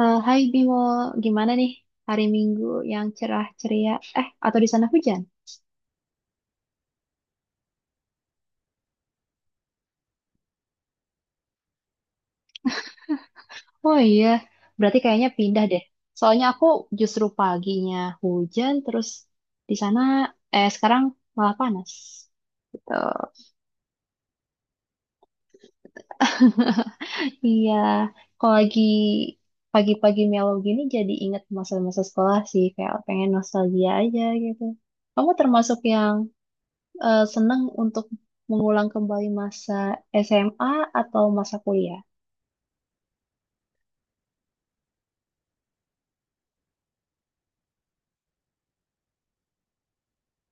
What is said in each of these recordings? Hai Bimo, gimana nih hari Minggu yang cerah ceria? Atau di sana hujan? Oh iya, berarti kayaknya pindah deh. Soalnya aku justru paginya hujan, terus di sana sekarang malah panas. Gitu. Iya, kalau lagi pagi-pagi mellow gini jadi inget masa-masa sekolah sih, kayak pengen nostalgia aja gitu. Kamu termasuk yang seneng untuk mengulang kembali masa SMA atau masa kuliah?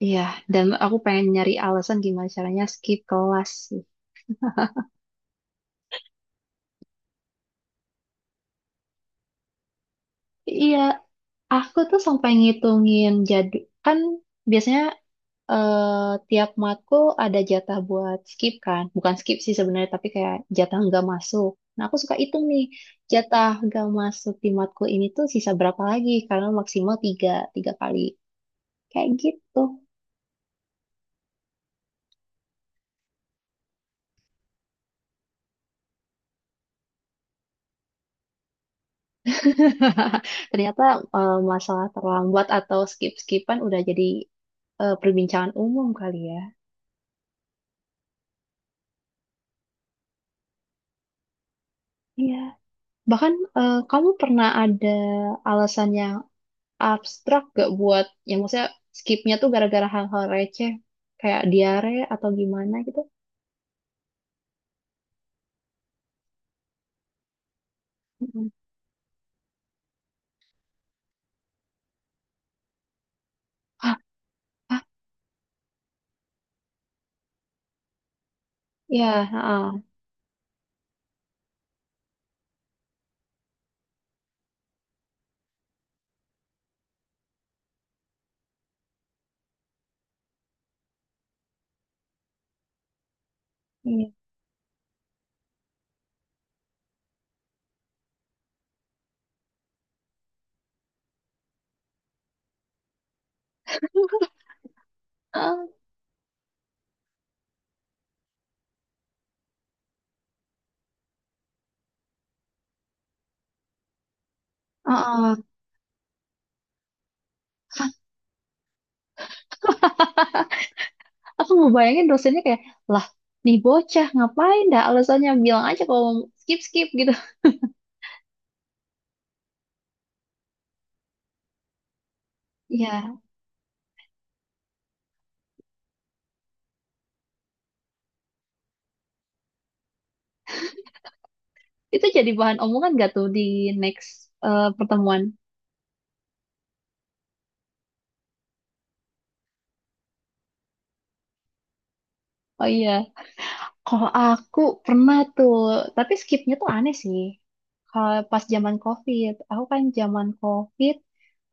Iya, dan aku pengen nyari alasan gimana caranya skip kelas sih. Iya, aku tuh sampai ngitungin jadwal. Kan biasanya tiap matkul ada jatah buat skip kan. Bukan skip sih sebenarnya, tapi kayak jatah nggak masuk. Nah, aku suka hitung nih, jatah nggak masuk di matkul ini tuh sisa berapa lagi. Karena maksimal tiga, tiga kali. Kayak gitu. Ternyata masalah terlambat atau skip-skipan udah jadi perbincangan umum kali ya. Iya. Bahkan kamu pernah ada alasan yang abstrak gak buat, ya maksudnya skipnya tuh gara-gara hal-hal receh, kayak diare atau gimana gitu? Mm-mm. Ah, ah, ya, ah, iya. Ah, ah, ah. Aku ngebayangin dosennya kayak, lah, nih bocah ngapain dah alasannya bilang aja kalau mau skip skip gitu. Ya, itu jadi bahan omongan gak tuh di next pertemuan? Oh iya. Kalau aku pernah tuh, tapi skipnya tuh aneh sih. Kalau pas zaman COVID, aku kan zaman COVID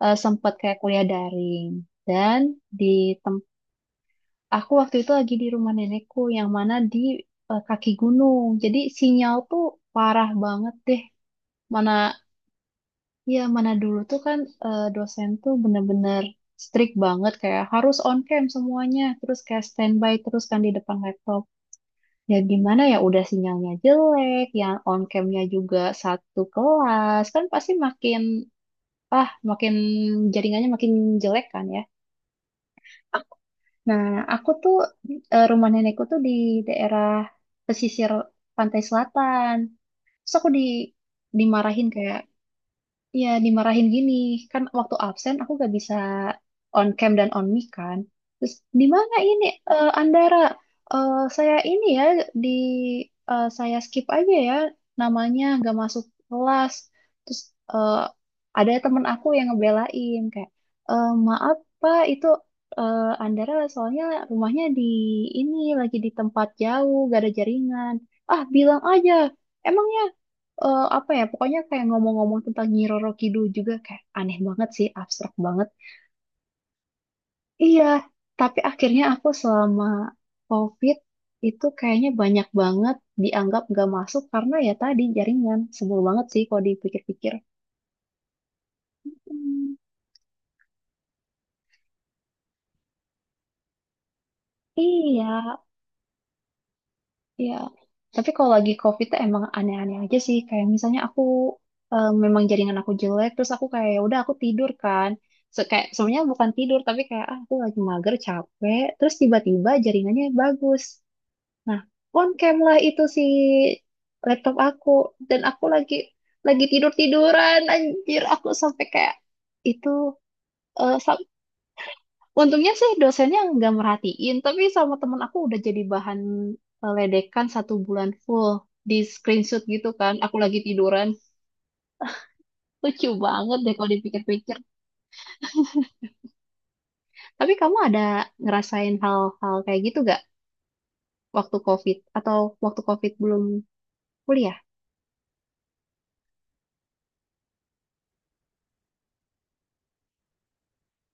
sempat kayak kuliah daring dan di tem aku waktu itu lagi di rumah nenekku yang mana di kaki gunung. Jadi sinyal tuh parah banget deh. Mana ya mana dulu tuh kan dosen tuh bener-bener strict banget kayak harus on cam semuanya, terus kayak standby terus kan di depan laptop. Ya gimana ya udah sinyalnya jelek, yang on camnya juga satu kelas, kan pasti makin makin jaringannya makin jelek kan ya. Nah, aku tuh rumah nenekku tuh di daerah pesisir pantai selatan. Terus aku di dimarahin kayak Iya, dimarahin gini. Kan waktu absen aku gak bisa on cam dan on mic kan. Terus di mana ini Andara? Eh, saya ini ya di saya skip aja ya namanya gak masuk kelas. Terus eh, ada temen aku yang ngebelain kayak "Eh, maaf Pak itu Andara soalnya rumahnya di ini lagi di tempat jauh gak ada jaringan. Ah bilang aja. Emangnya apa ya pokoknya kayak ngomong-ngomong tentang Nyi Roro Kidul juga kayak aneh banget sih abstrak banget iya tapi akhirnya aku selama COVID itu kayaknya banyak banget dianggap gak masuk karena ya tadi jaringan sebel banget sih kalau dipikir-pikir Hmm, iya Iya, tapi kalau lagi COVID tuh emang aneh-aneh aja sih. Kayak misalnya aku memang jaringan aku jelek, terus aku kayak "Ya udah aku tidur kan. So, kayak sebenarnya bukan tidur, tapi kayak "Ah, aku lagi mager, capek. Terus tiba-tiba jaringannya bagus. Nah, on cam lah itu si laptop aku dan aku lagi tidur tiduran. Anjir, aku sampai kayak itu Untungnya sih dosennya nggak merhatiin, tapi sama temen aku udah jadi bahan ledekan 1 bulan full di screenshot gitu kan. Aku lagi tiduran. Lucu banget deh kalau dipikir-pikir. Tapi kamu ada ngerasain hal-hal kayak gitu gak waktu COVID? Atau waktu COVID belum kuliah?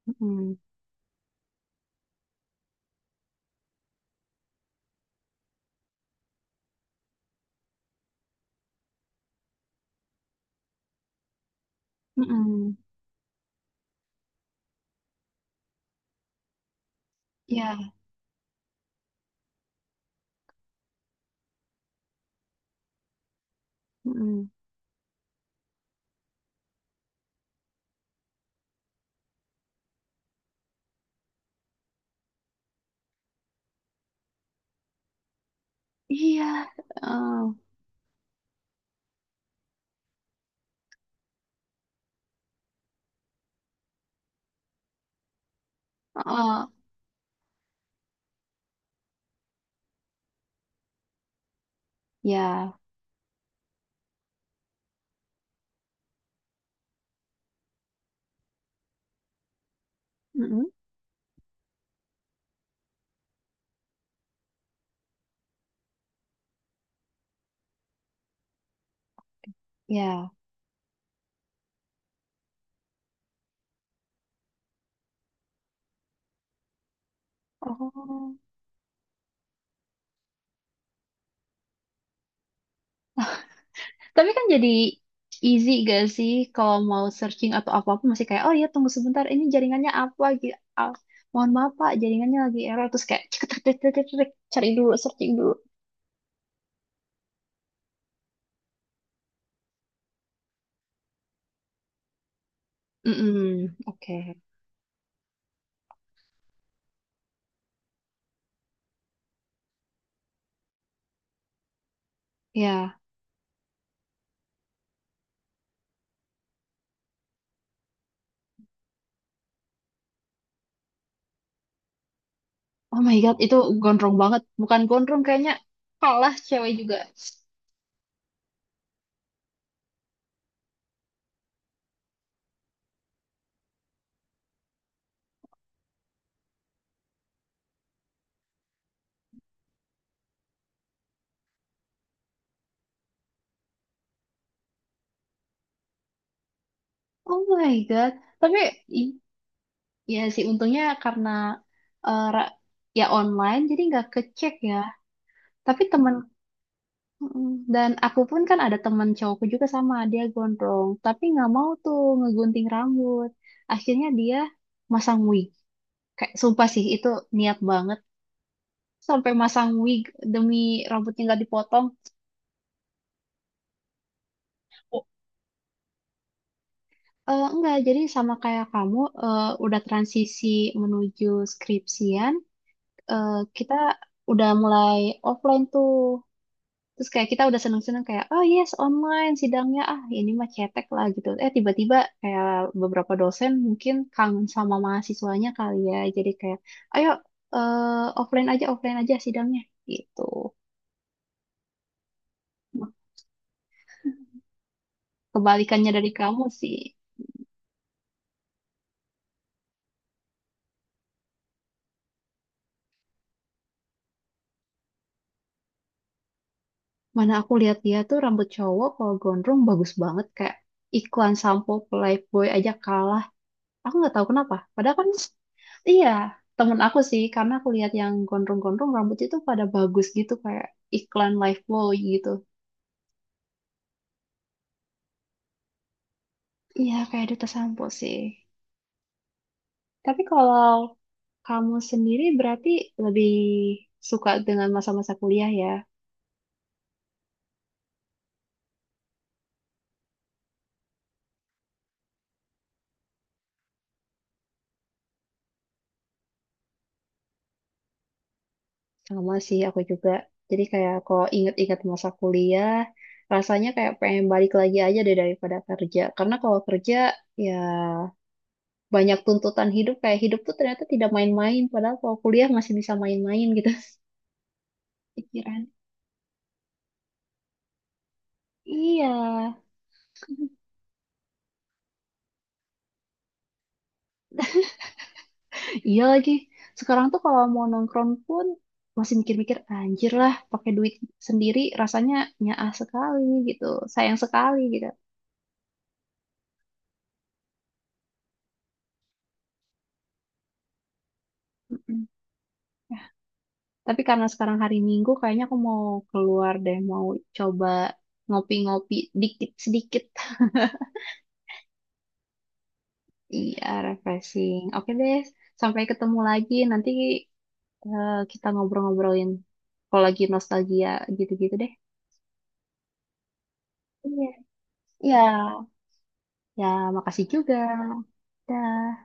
Mm-mm. Mm-mm. Ya. Mm-mm. Iya. Eh, eh, Ya. Mm-mm. Ya. Oh. Tapi kan jadi easy gak sih kalau mau searching atau apa-apa masih kayak oh iya tunggu sebentar ini jaringannya apa gitu. Mohon maaf Pak, jaringannya lagi error terus kayak cek cek cek cek, cek, cek, cari dulu searching dulu. Mm-mm, Oke. Ya. Oh my God, itu gondrong banget. Bukan gondrong kayaknya kalah cewek juga. Oh my God. Tapi i- ya sih untungnya karena eh, ra- ya online jadi nggak kecek ya. Tapi temen Mm-mm. Dan aku pun kan ada teman cowokku juga sama, dia gondrong, tapi nggak mau tuh ngegunting rambut. Akhirnya dia masang wig. Kayak sumpah sih itu niat banget sampai masang wig demi rambutnya nggak dipotong. Eh enggak, jadi sama kayak kamu eh, udah transisi menuju skripsian, eh, kita udah mulai offline tuh. Terus kayak kita udah seneng-seneng kayak, oh yes, online sidangnya, ah ini mah cetek lah gitu. Eh tiba-tiba kayak beberapa dosen mungkin kangen sama mahasiswanya kali ya. Jadi kayak, ayo eh, offline aja sidangnya gitu. Nah, Kebalikannya dari kamu sih. Mana aku lihat dia tuh rambut cowok kalau gondrong bagus banget kayak iklan sampo Playboy aja kalah Aku nggak tahu kenapa. Padahal kan, iya, temen aku sih. Karena aku lihat yang gondrong-gondrong rambutnya itu pada bagus gitu. Kayak iklan Lifebuoy gitu. Iya, kayak duta sampo sih. Tapi kalau kamu sendiri berarti lebih suka dengan masa-masa kuliah ya? Sama sih aku juga. Jadi kayak kalau inget-inget masa kuliah, rasanya kayak pengen balik lagi aja deh daripada kerja. Karena kalau kerja, ya banyak tuntutan hidup kayak hidup tuh ternyata tidak main-main padahal kalau kuliah masih bisa main-main gitu pikiran iya iya lagi sekarang tuh kalau mau nongkrong pun masih mikir-mikir anjir lah pakai duit sendiri rasanya nyaah sekali gitu sayang sekali gitu Mm-mm. Ya, tapi karena sekarang hari Minggu kayaknya aku mau keluar deh mau coba ngopi-ngopi dikit sedikit iya refreshing oke deh sampai ketemu lagi nanti kita ngobrol-ngobrolin kalau lagi nostalgia gitu-gitu deh. Iya. Ya. Ya, makasih juga. Dah.